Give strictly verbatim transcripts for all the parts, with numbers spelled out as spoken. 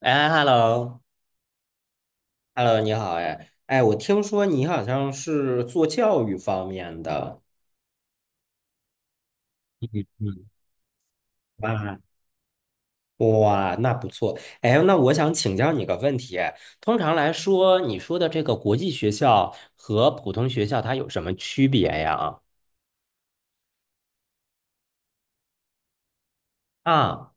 哎，hello，hello，你好，哎，哎，我听说你好像是做教育方面的，嗯，哇哇，那不错。哎，那我想请教你个问题，通常来说，你说的这个国际学校和普通学校它有什么区别呀？啊，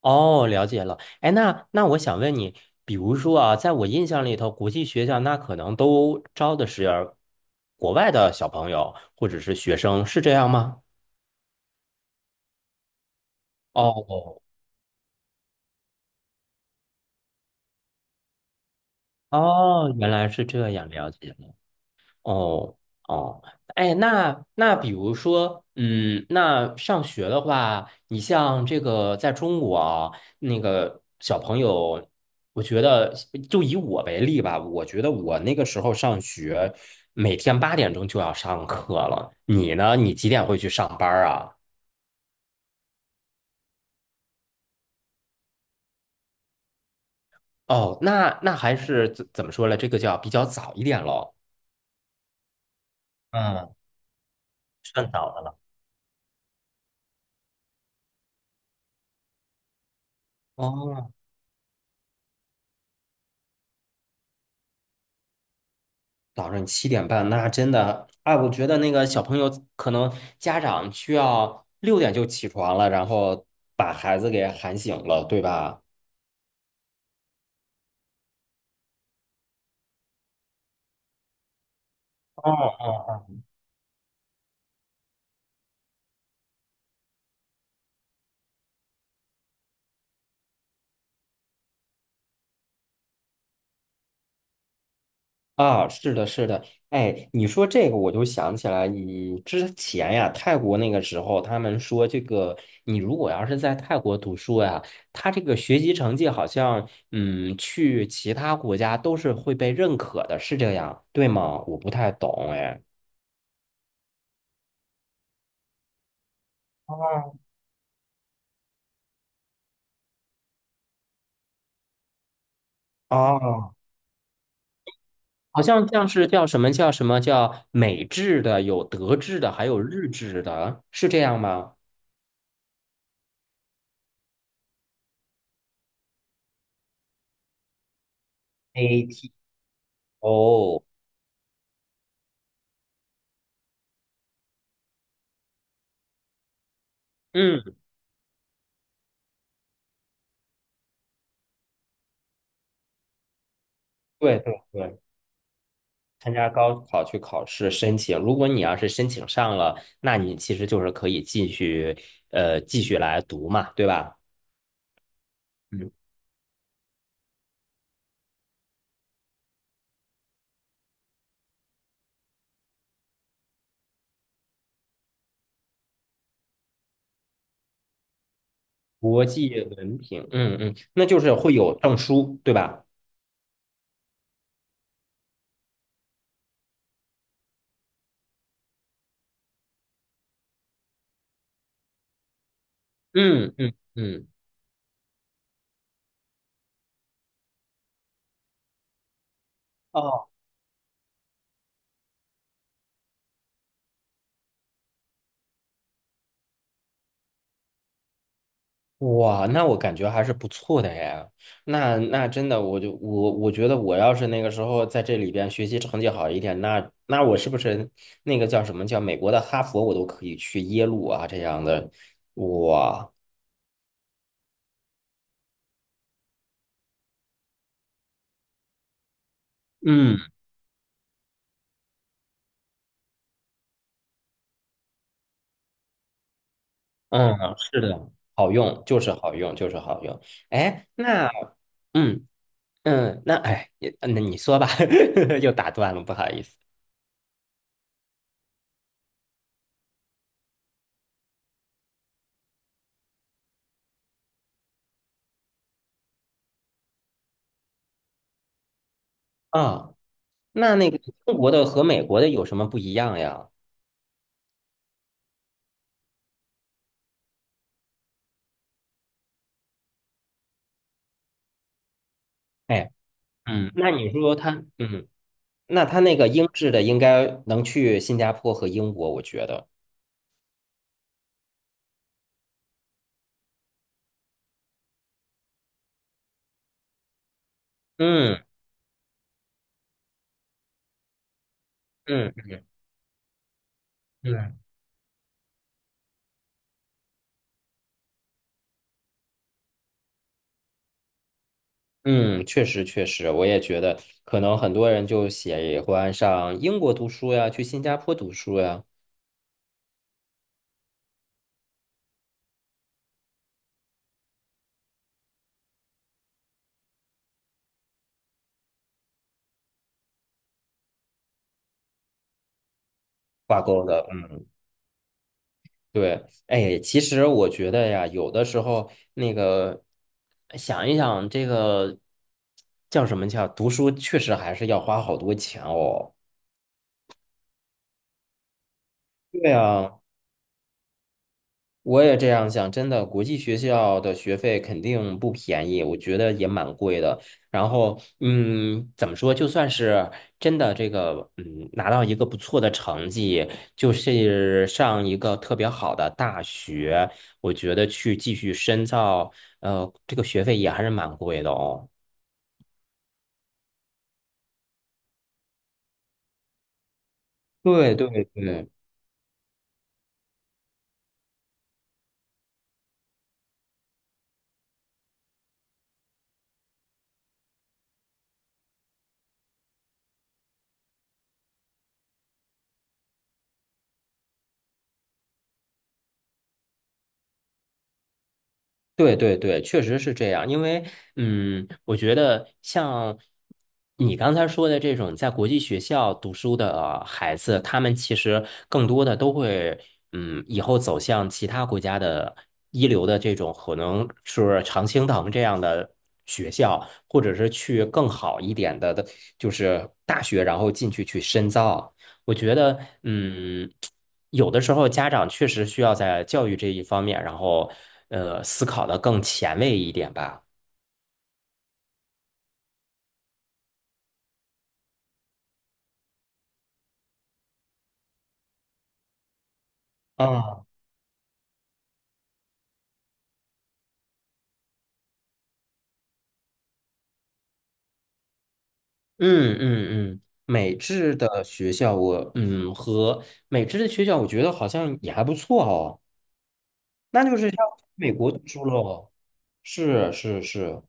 哦，了解了。哎，那那我想问你，比如说啊，在我印象里头，国际学校那可能都招的是国外的小朋友或者是学生，是这样吗？哦哦，原来是这样，了解了。哦哦，哎，那那比如说，嗯，那上学的话，你像这个在中国啊，那个小朋友，我觉得就以我为例吧，我觉得我那个时候上学，每天八点钟就要上课了。你呢？你几点会去上班儿啊？哦，那那还是怎怎么说呢？这个叫比较早一点喽。嗯，算早的了。哦。早上七点半，那真的，哎，我觉得那个小朋友可能家长需要六点就起床了，然后把孩子给喊醒了，对吧？哦啊，是的，是的，哎，你说这个我就想起来，你之前呀，泰国那个时候，他们说这个，你如果要是在泰国读书呀，他这个学习成绩好像，嗯，去其他国家都是会被认可的，是这样，对吗？我不太懂，哎。哦好像像是叫什么叫什么叫美制的，有德制的，还有日制的，是这样吗？A T O，嗯，对对对，参加高考去考试申请，如果你要是申请上了，那你其实就是可以继续呃继续来读嘛，对吧？嗯，国际文凭，嗯嗯，那就是会有证书，对吧？嗯嗯嗯，哦哇，那我感觉还是不错的呀。那那真的，我就我我觉得我要是那个时候在这里边学习成绩好一点，那那我是不是那个叫什么叫美国的哈佛，我都可以去耶鲁啊这样的。哇，嗯嗯，是的，好用，就是好用，就是好用。哎，那嗯嗯，那哎，也那你说吧，又打断了，不好意思啊。那那个中国的和美国的有什么不一样呀？嗯，那你说他，嗯，那他那个英制的应该能去新加坡和英国，我觉得，嗯嗯嗯嗯，确实确实，我也觉得，可能很多人就喜欢上英国读书呀，去新加坡读书呀，挂钩的，嗯，对，哎，其实我觉得呀，有的时候那个想一想，这个叫什么叫读书，确实还是要花好多钱哦。对呀。我也这样想，真的，国际学校的学费肯定不便宜，我觉得也蛮贵的。然后，嗯，怎么说，就算是真的这个，嗯，拿到一个不错的成绩，就是上一个特别好的大学，我觉得去继续深造，呃，这个学费也还是蛮贵的哦。对对对，对对对，确实是这样。因为，嗯，我觉得像你刚才说的这种在国际学校读书的孩子，他们其实更多的都会，嗯，以后走向其他国家的一流的这种，可能是常青藤这样的学校，或者是去更好一点的，的就是大学，然后进去去深造。我觉得，嗯，有的时候家长确实需要在教育这一方面，然后呃，思考的更前卫一点吧。啊，嗯嗯嗯，美制的学校我，嗯和美制的学校，我觉得好像也还不错哦。那就是像 美国读书喽。是是是，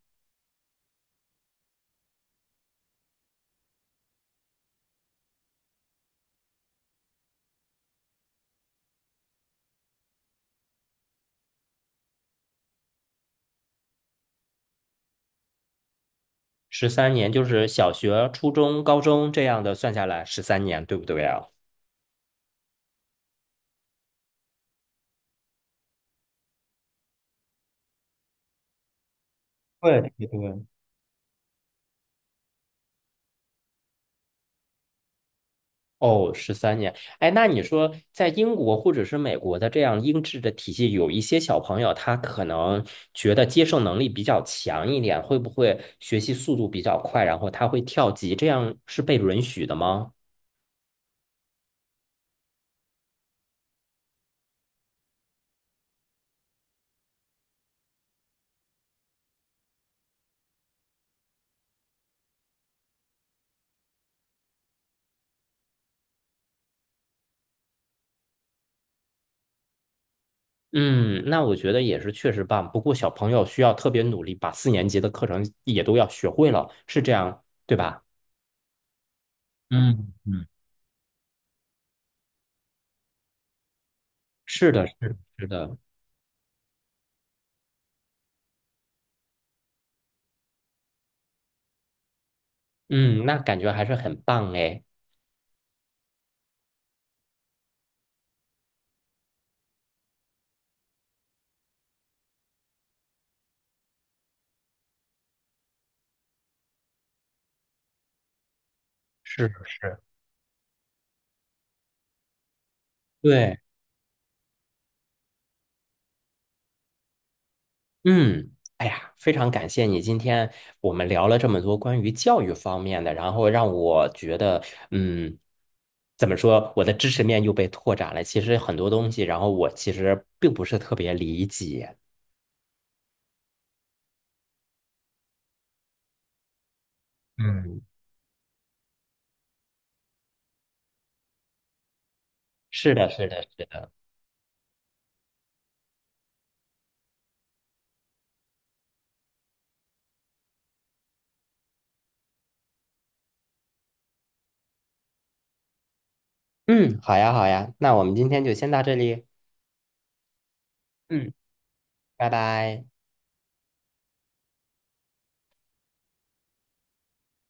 十三年就是小学、初中、高中这样的算下来，十三年，对不对啊？对对对。哦，十三年。哎，那你说在英国或者是美国的这样英制的体系，有一些小朋友他可能觉得接受能力比较强一点，会不会学习速度比较快，然后他会跳级，这样是被允许的吗？嗯，那我觉得也是确实棒。不过小朋友需要特别努力，把四年级的课程也都要学会了，是这样，对吧？嗯嗯，是的，是的，是的。嗯，那感觉还是很棒哎。是的是，对。嗯，哎呀，非常感谢你。今天我们聊了这么多关于教育方面的，然后让我觉得，嗯，怎么说，我的知识面又被拓展了。其实很多东西，然后我其实并不是特别理解。嗯，是的，是的，是的。嗯，好呀，好呀，那我们今天就先到这里。嗯，拜拜。